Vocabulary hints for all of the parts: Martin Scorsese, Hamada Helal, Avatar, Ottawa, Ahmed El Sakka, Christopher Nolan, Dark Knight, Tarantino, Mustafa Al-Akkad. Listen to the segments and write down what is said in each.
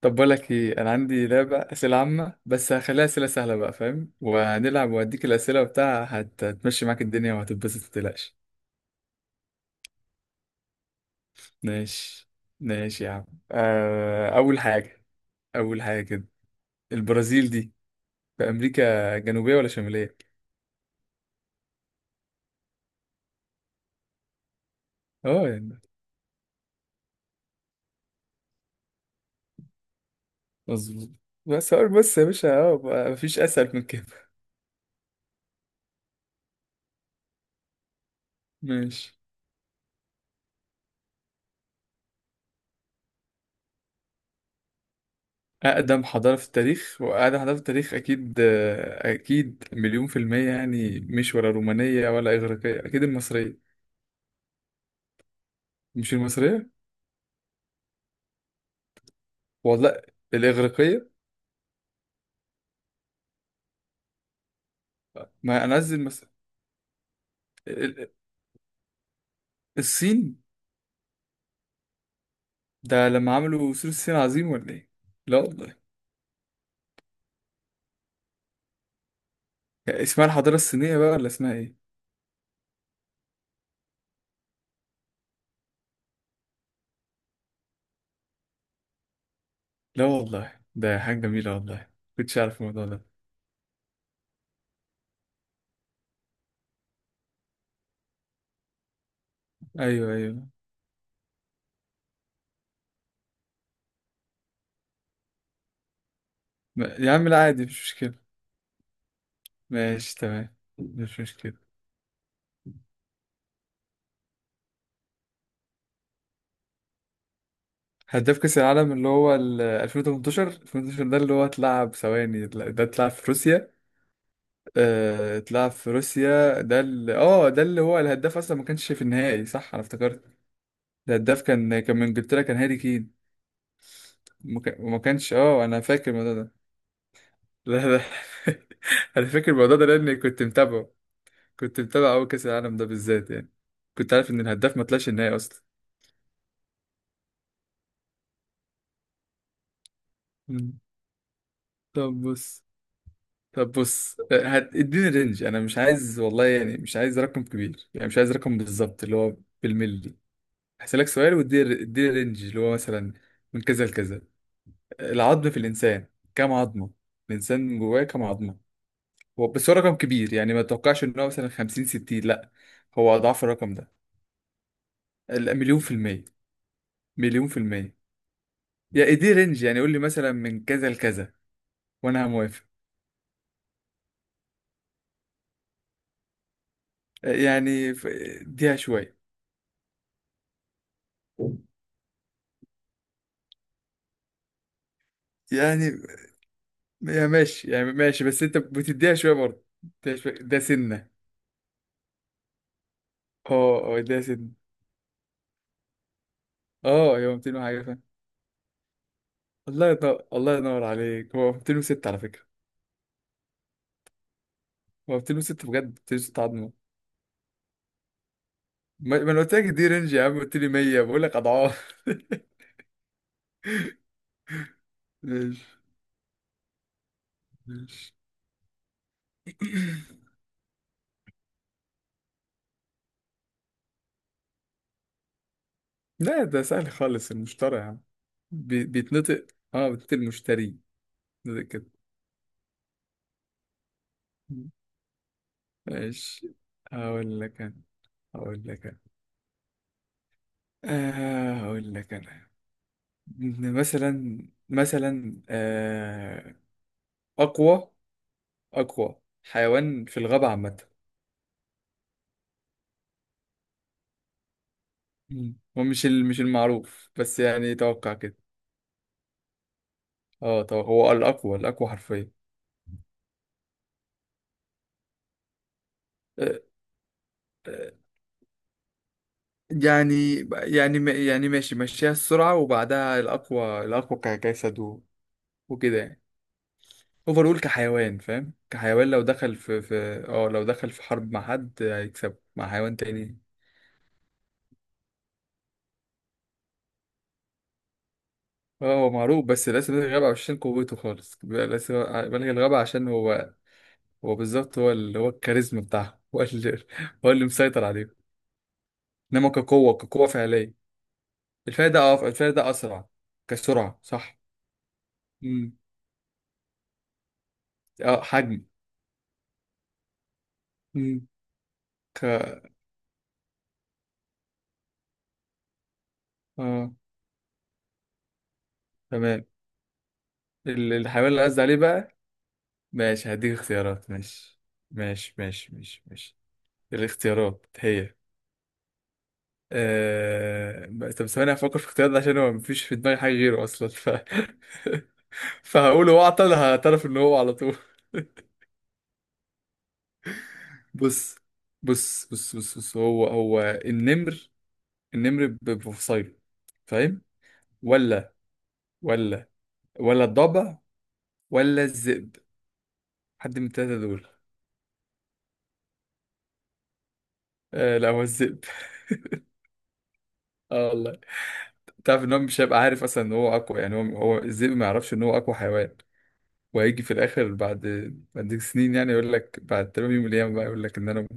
طب بقول لك ايه، انا عندي لعبه اسئله عامه، بس هخليها اسئله سهله بقى، فاهم؟ وهنلعب واديك الاسئله وبتاع، هتمشي معاك الدنيا وهتتبسط، متقلقش. ماشي. ماشي يا عم. اول حاجه، اول حاجه كده، البرازيل دي في امريكا جنوبيه ولا شماليه؟ اه يعني، مظبوط. بس سؤال بس يا باشا، اه بقى مفيش اسهل من كده. ماشي. اقدم حضاره في التاريخ، واقدم حضاره في التاريخ اكيد، اكيد مليون في الميه، يعني مش ولا رومانيه ولا اغريقيه، اكيد المصريه. مش المصرية؟ والله. الإغريقية. ما أنا عايز المس... ال- ال- الصين ده، لما عملوا سور الصين عظيم ولا إيه؟ لا والله. اسمها الحضارة الصينية بقى ولا اسمها إيه؟ لا والله، ده حاجة جميلة والله، كنتش عارف الموضوع ده. أيوه أيوه. ما... يا عم لا عادي، مش مشكلة. ماشي تمام، مش مشكلة. هداف كأس العالم اللي هو ال 2018، 2018. ده اللي هو اتلعب، ثواني، ده اتلعب في روسيا. اتلعب في روسيا. ده اللي ده اللي هو الهداف اصلا ما كانش في النهائي، صح؟ انا افتكرت الهداف كان من انجلترا، كان هاري كين. وما كانش، اه انا فاكر الموضوع ده. لا انا فاكر الموضوع ده لاني كنت متابعه، كنت متابع اول كاس العالم ده بالذات يعني، كنت عارف ان الهداف ما طلعش النهائي اصلا. مم. طب بص طب بص اديني رينج، انا مش عايز والله، يعني مش عايز رقم كبير، يعني مش عايز رقم بالظبط اللي هو بالملي. هسألك سؤال واديني، اديني رينج اللي هو مثلا من كذا لكذا. العظم في الإنسان كام عظمة؟ الإنسان جواه كام عظمة؟ هو بس هو رقم كبير، يعني ما توقعش إن هو مثلا 50 60، لا هو أضعاف الرقم ده. مليون في المية، مليون في المية. يا اديني رينج، يعني قول لي مثلا من كذا لكذا، وأنا موافق. يعني ف- اديها شوية، يعني يا ماشي، يعني ماشي، بس أنت بتديها شوية برضه. اديها شوية ده سنة. اه اه ده سنة. اه يوم 200 وحاجة. الله ينور، الله ينور عليك، هو 206 على فكرة. هو 206 بجد، 206 عظمة. ما انا قلت لك دي رينج يا عم، قلت لي 100، بقول لك اضعاف. ماشي ماشي. لا ده سهل خالص، المشترى يا عم. بيتنطق، اه بيتنطق المشتري، بيتنطق كده. ماشي. هقول لك انا هقول لك انا هقول لك انا إن مثلا، مثلا اقوى اقوى حيوان في الغابة عامة. مم. هو مش المعروف، بس يعني توقع كده. هو الأقوى، الأقوى حرفيا. آه، آه، يعني ماشي، مشيها السرعة وبعدها الأقوى، الأقوى كجسد وكده يعني. أول كحيوان، فاهم؟ كحيوان لو دخل في اه لو دخل في حرب مع حد، هيكسب مع حيوان تاني. اه هو معروف، بس لازم يلغي الغابة عشان قوته خالص، بيبقى لازم بلغي الغابة عشان هو، هو بالظبط، هو اللي هو الكاريزما بتاعه هو اللي، هو اللي مسيطر عليه. انما كقوة، كقوة فعلية، الفايدة اه الفايدة أسرع، كسرعة صح. مم. اه حجم. مم. ك، اه تمام. الحيوان اللي قصدي عليه بقى، ماشي هديك اختيارات. ماشي. الاختيارات هي، طب ثواني، هفكر في اختيارات ده عشان هو مفيش في دماغي حاجة غيره أصلا، ف... فهقوله واعطل، هعترف إن هو على طول. بص بص, هو هو النمر، النمر بفصيله، فاهم؟ ولا ولا، ولا الضبع، ولا الذئب؟ حد من التلاتة دول. آه لا هو الذئب. اه والله. تعرف ان هو مش هيبقى عارف اصلا ان هو اقوى؟ يعني هو، هو الذئب ما يعرفش ان هو اقوى حيوان، وهيجي في الاخر بعد سنين، يعني يقول لك بعد تمام يوم القيامة بقى، يقول لك ان انا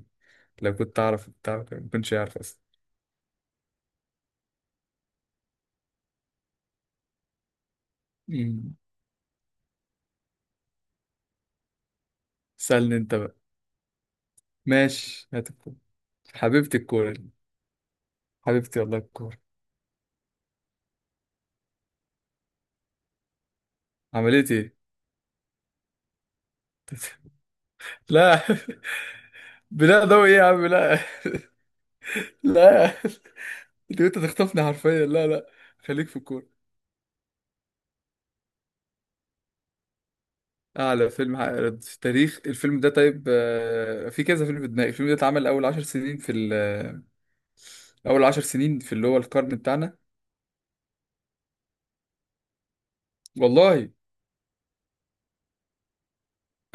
لو كنت اعرف بتاع، ما كنتش عارف اصلا. مم. سألني انت بقى. ماشي هات الكورة. حبيبتي الكورة دي. حبيبتي والله الكورة. عملت ايه؟ لا. بلا ضوء ايه يا عم؟ لا. لا، انت تخطفني حرفيا، لا لا. خليك في الكورة. اعلى فيلم عقد في التاريخ، الفيلم ده طيب، في كذا فيلم في دماغي، الفيلم ده اتعمل اول عشر سنين اول عشر سنين في اللي هو القرن بتاعنا، والله.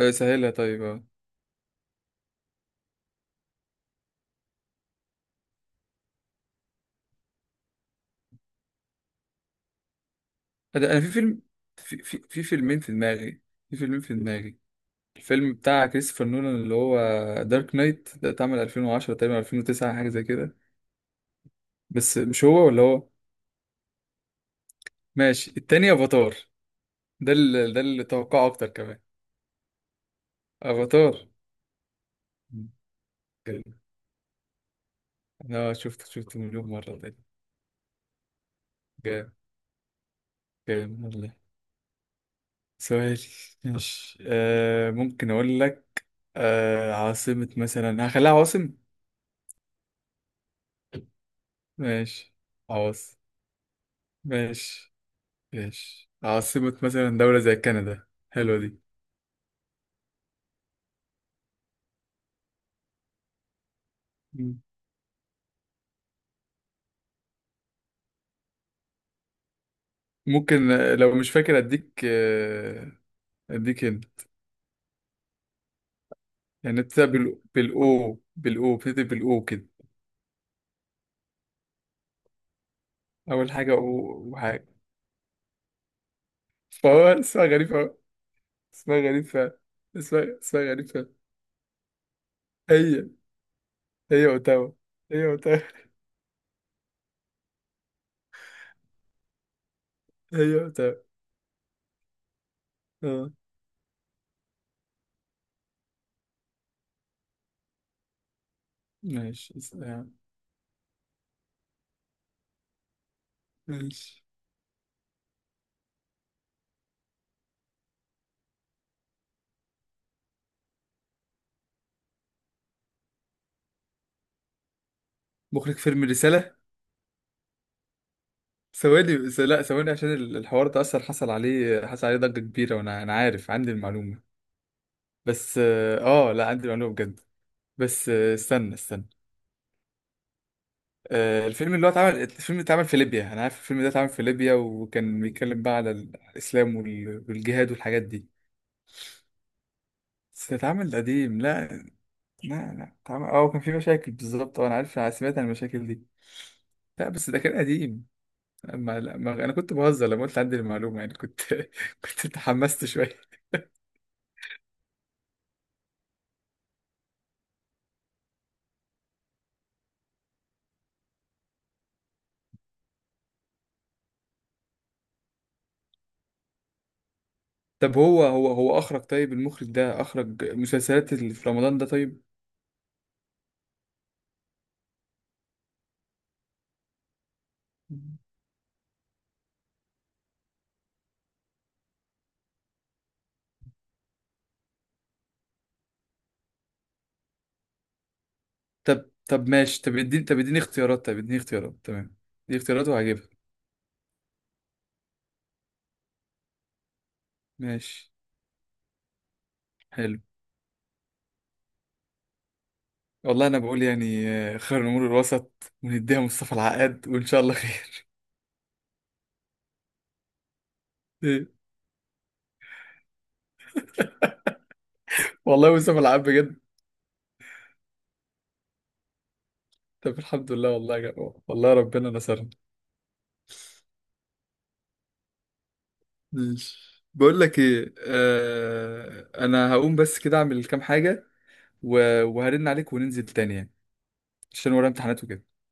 سهلها طيب اه. انا أنا في فيلم في في في فيلمين في دماغي في فيلمين في دماغي. الفيلم بتاع كريستوفر نولان اللي هو دارك نايت، ده اتعمل 2010 تقريبا، 2009 حاجة زي كده. بس مش هو، ولا هو. ماشي، التاني، افاتار. ده اللي، ده اللي توقعه اكتر كمان. افاتار، جامد. اه شفت، شفت مليون مرة ده. جامد. جامد والله. سؤالي، ماشي. آه ممكن أقول لك، آه عاصمة، مثلا هخليها عواصم. ماشي، عواصم، ماشي ماشي. عاصمة مثلا دولة زي كندا، حلوة دي. مم. ممكن لو مش فاكر أديك آه، أديك هنا يعني. بتبدأ بالأو بتبدأ بالأو كده، أول حاجة أو وحاجة، فهو اسمها غريب أوي، اسمها غريب فعلا. اسمها غريب. هي، هي اوتاوا. هي اوتاوا هي اوتاوا. اه، ماشي. اسأل. ماشي. مخرج فيلم رسالة؟ لا ثواني، عشان الحوار ده اصلا حصل عليه، حصل عليه ضجة كبيرة، وانا عارف، عندي المعلومة. بس اه، لا عندي المعلومة بجد. بس استنى. الفيلم اللي هو اتعمل، الفيلم اللي اتعمل في ليبيا، انا عارف الفيلم ده اتعمل في ليبيا، وكان بيتكلم بقى على الاسلام والجهاد والحاجات دي. بس اتعمل قديم. لا، لا طبعا، اه كان في مشاكل بالظبط، اه انا عارف، انا سمعت عن المشاكل دي. لا بس ده كان قديم. ما انا كنت بهزر لما قلت عندي المعلومه، يعني كنت كنت تحمست شويه. طب هو هو اخرج، طيب المخرج ده اخرج مسلسلات اللي في رمضان ده طيب؟ طب طب ماشي، طب اديني طب اديني اختيارات، اديني اختيارات تمام، دي اختيارات وهجيبها. ماشي، حلو. والله انا بقول يعني، خير الامور الوسط، ونديها مصطفى العقاد، وان شاء الله خير. والله مصطفى العقاد بجد. طب الحمد لله، والله يا جماعة، والله ربنا نصرنا. ماشي. بقول لك ايه، آه انا هقوم بس كده اعمل كام حاجة، وهرن عليك وننزل تاني يعني، عشان ورايا امتحانات وكده.